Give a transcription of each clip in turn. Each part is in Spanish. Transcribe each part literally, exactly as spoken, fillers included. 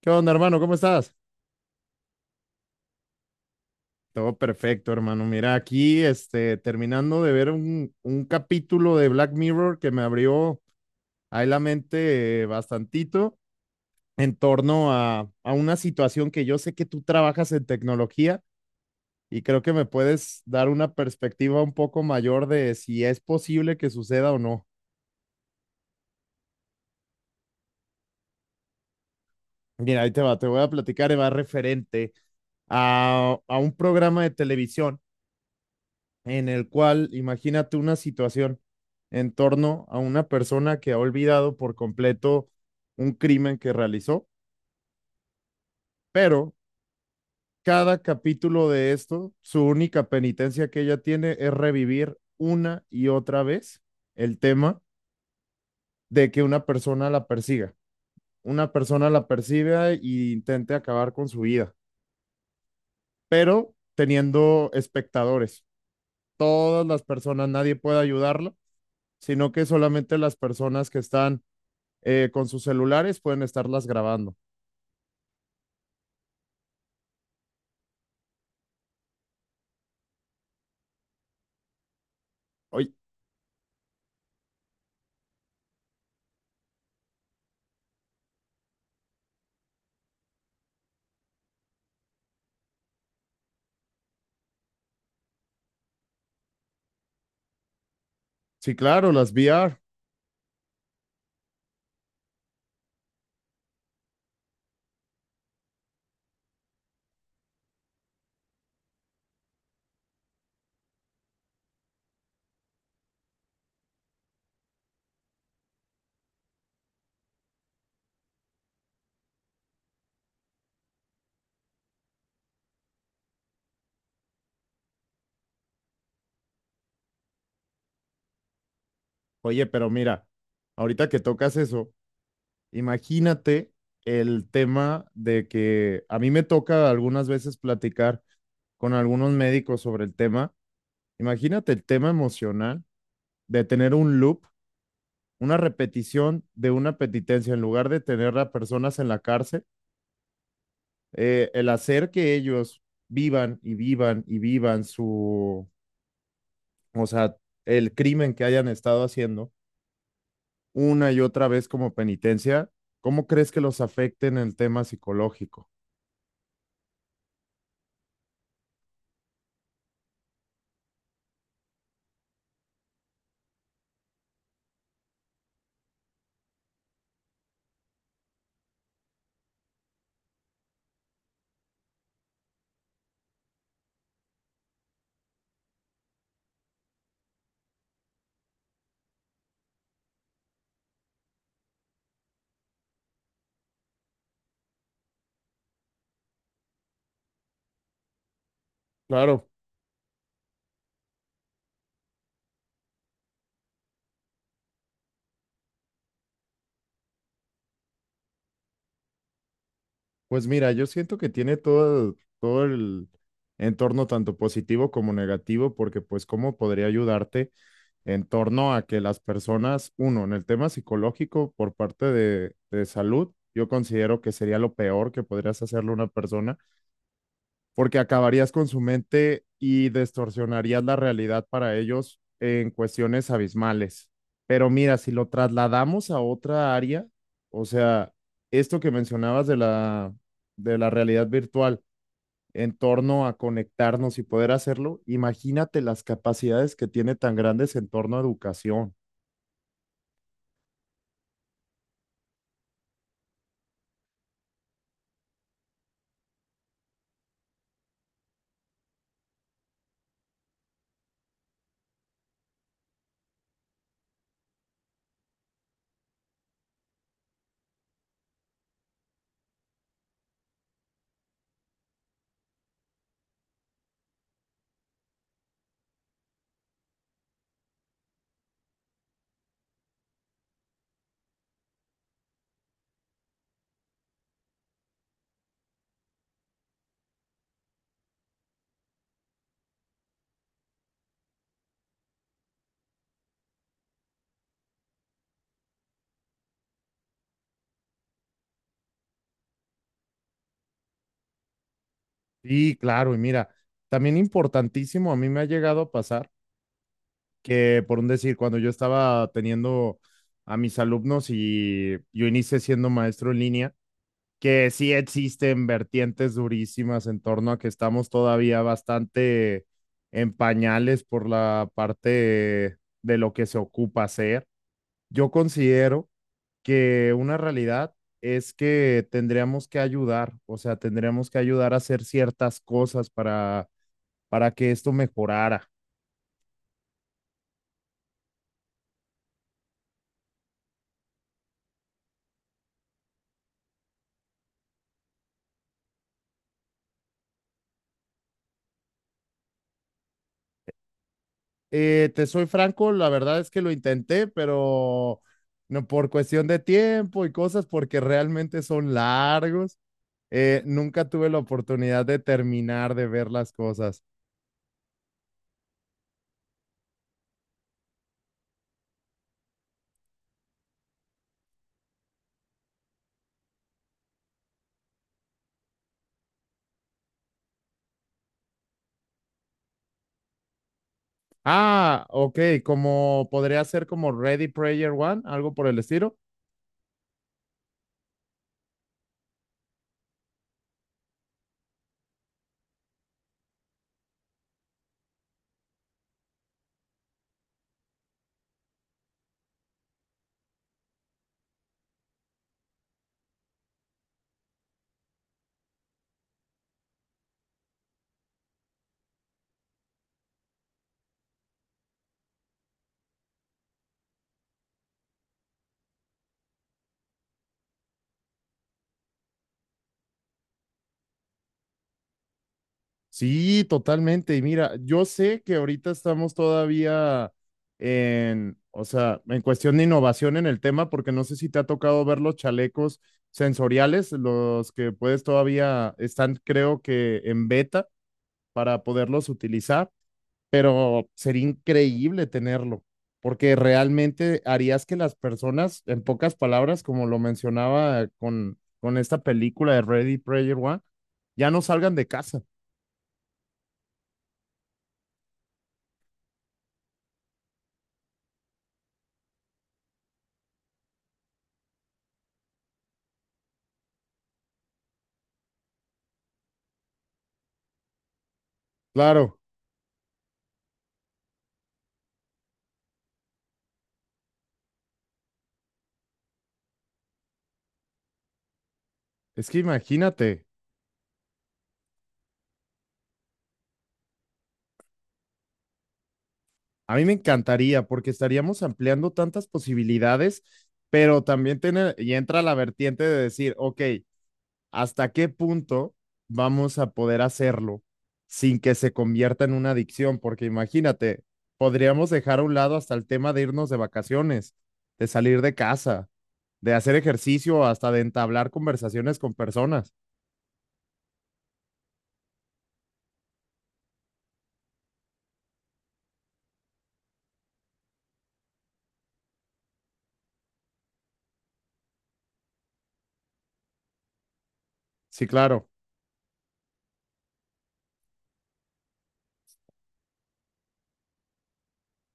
¿Qué onda, hermano? ¿Cómo estás? Todo perfecto, hermano. Mira, aquí, este, terminando de ver un, un capítulo de Black Mirror que me abrió ahí la mente eh, bastantito en torno a, a una situación que yo sé que tú trabajas en tecnología, y creo que me puedes dar una perspectiva un poco mayor de si es posible que suceda o no. Mira, ahí te va, te voy a platicar, y va referente a, a un programa de televisión en el cual imagínate una situación en torno a una persona que ha olvidado por completo un crimen que realizó, pero cada capítulo de esto, su única penitencia que ella tiene es revivir una y otra vez el tema de que una persona la persiga, una persona la persiga e intente acabar con su vida, pero teniendo espectadores. Todas las personas, nadie puede ayudarla, sino que solamente las personas que están eh, con sus celulares pueden estarlas grabando. Oye, sí, claro, las V R. Oye, pero mira, ahorita que tocas eso, imagínate el tema de que a mí me toca algunas veces platicar con algunos médicos sobre el tema. Imagínate el tema emocional de tener un loop, una repetición de una penitencia, en lugar de tener a personas en la cárcel, eh, el hacer que ellos vivan y vivan y vivan su, o sea, el crimen que hayan estado haciendo una y otra vez como penitencia. ¿Cómo crees que los afecte en el tema psicológico? Claro, pues mira, yo siento que tiene todo, todo el entorno tanto positivo como negativo, porque pues cómo podría ayudarte en torno a que las personas, uno, en el tema psicológico por parte de, de salud, yo considero que sería lo peor que podrías hacerle a una persona, porque acabarías con su mente y distorsionarías la realidad para ellos en cuestiones abismales. Pero mira, si lo trasladamos a otra área, o sea, esto que mencionabas de la, de la realidad virtual en torno a conectarnos y poder hacerlo, imagínate las capacidades que tiene tan grandes en torno a educación. Sí, claro, y mira, también importantísimo, a mí me ha llegado a pasar que por un decir, cuando yo estaba teniendo a mis alumnos y yo inicié siendo maestro en línea, que sí existen vertientes durísimas en torno a que estamos todavía bastante en pañales por la parte de lo que se ocupa hacer. Yo considero que una realidad es que tendríamos que ayudar, o sea, tendríamos que ayudar a hacer ciertas cosas para, para que esto mejorara. Eh, te soy franco, la verdad es que lo intenté, pero no por cuestión de tiempo y cosas, porque realmente son largos. Eh, nunca tuve la oportunidad de terminar de ver las cosas. Ah, ok, como podría ser como Ready Player One, algo por el estilo. Sí, totalmente. Y mira, yo sé que ahorita estamos todavía en, o sea, en cuestión de innovación en el tema, porque no sé si te ha tocado ver los chalecos sensoriales, los que puedes todavía están, creo que en beta para poderlos utilizar, pero sería increíble tenerlo, porque realmente harías que las personas, en pocas palabras, como lo mencionaba con, con esta película de Ready Player One, ya no salgan de casa. Claro. Es que imagínate, a mí me encantaría porque estaríamos ampliando tantas posibilidades, pero también tiene, y entra la vertiente de decir, ok, ¿hasta qué punto vamos a poder hacerlo sin que se convierta en una adicción? Porque imagínate, podríamos dejar a un lado hasta el tema de irnos de vacaciones, de salir de casa, de hacer ejercicio, hasta de entablar conversaciones con personas. Sí, claro.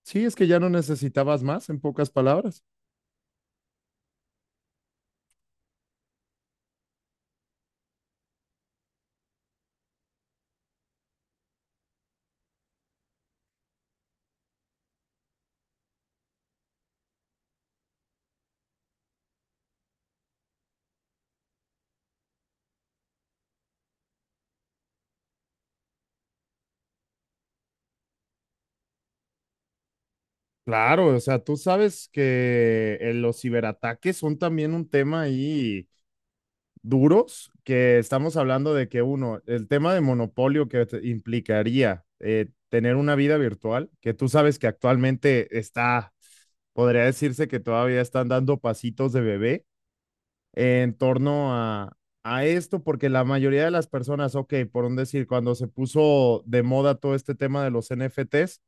Sí, es que ya no necesitabas más, en pocas palabras. Claro, o sea, tú sabes que eh, los ciberataques son también un tema ahí duros, que estamos hablando de que uno, el tema de monopolio que te- implicaría eh, tener una vida virtual, que tú sabes que actualmente está, podría decirse que todavía están dando pasitos de bebé eh, en torno a, a esto, porque la mayoría de las personas, ok, por un decir, cuando se puso de moda todo este tema de los N F Ts,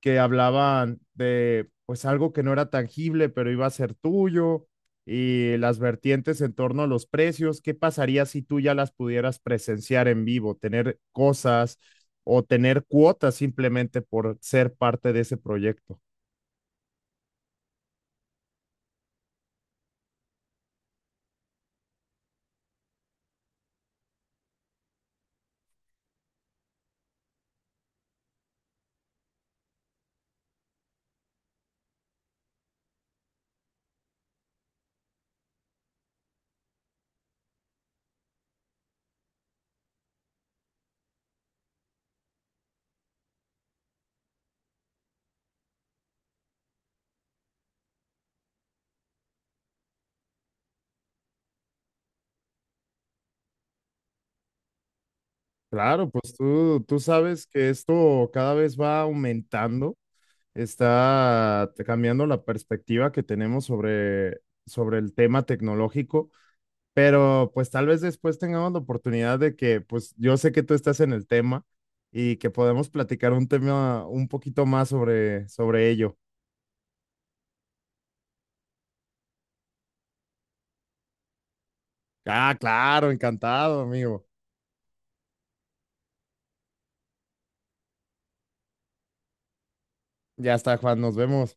que hablaban de pues algo que no era tangible, pero iba a ser tuyo y las vertientes en torno a los precios. ¿Qué pasaría si tú ya las pudieras presenciar en vivo, tener cosas o tener cuotas simplemente por ser parte de ese proyecto? Claro, pues tú, tú sabes que esto cada vez va aumentando, está cambiando la perspectiva que tenemos sobre, sobre el tema tecnológico. Pero pues tal vez después tengamos la oportunidad de que, pues yo sé que tú estás en el tema y que podemos platicar un tema un poquito más sobre, sobre ello. Ah, claro, encantado, amigo. Ya está, Juan, nos vemos.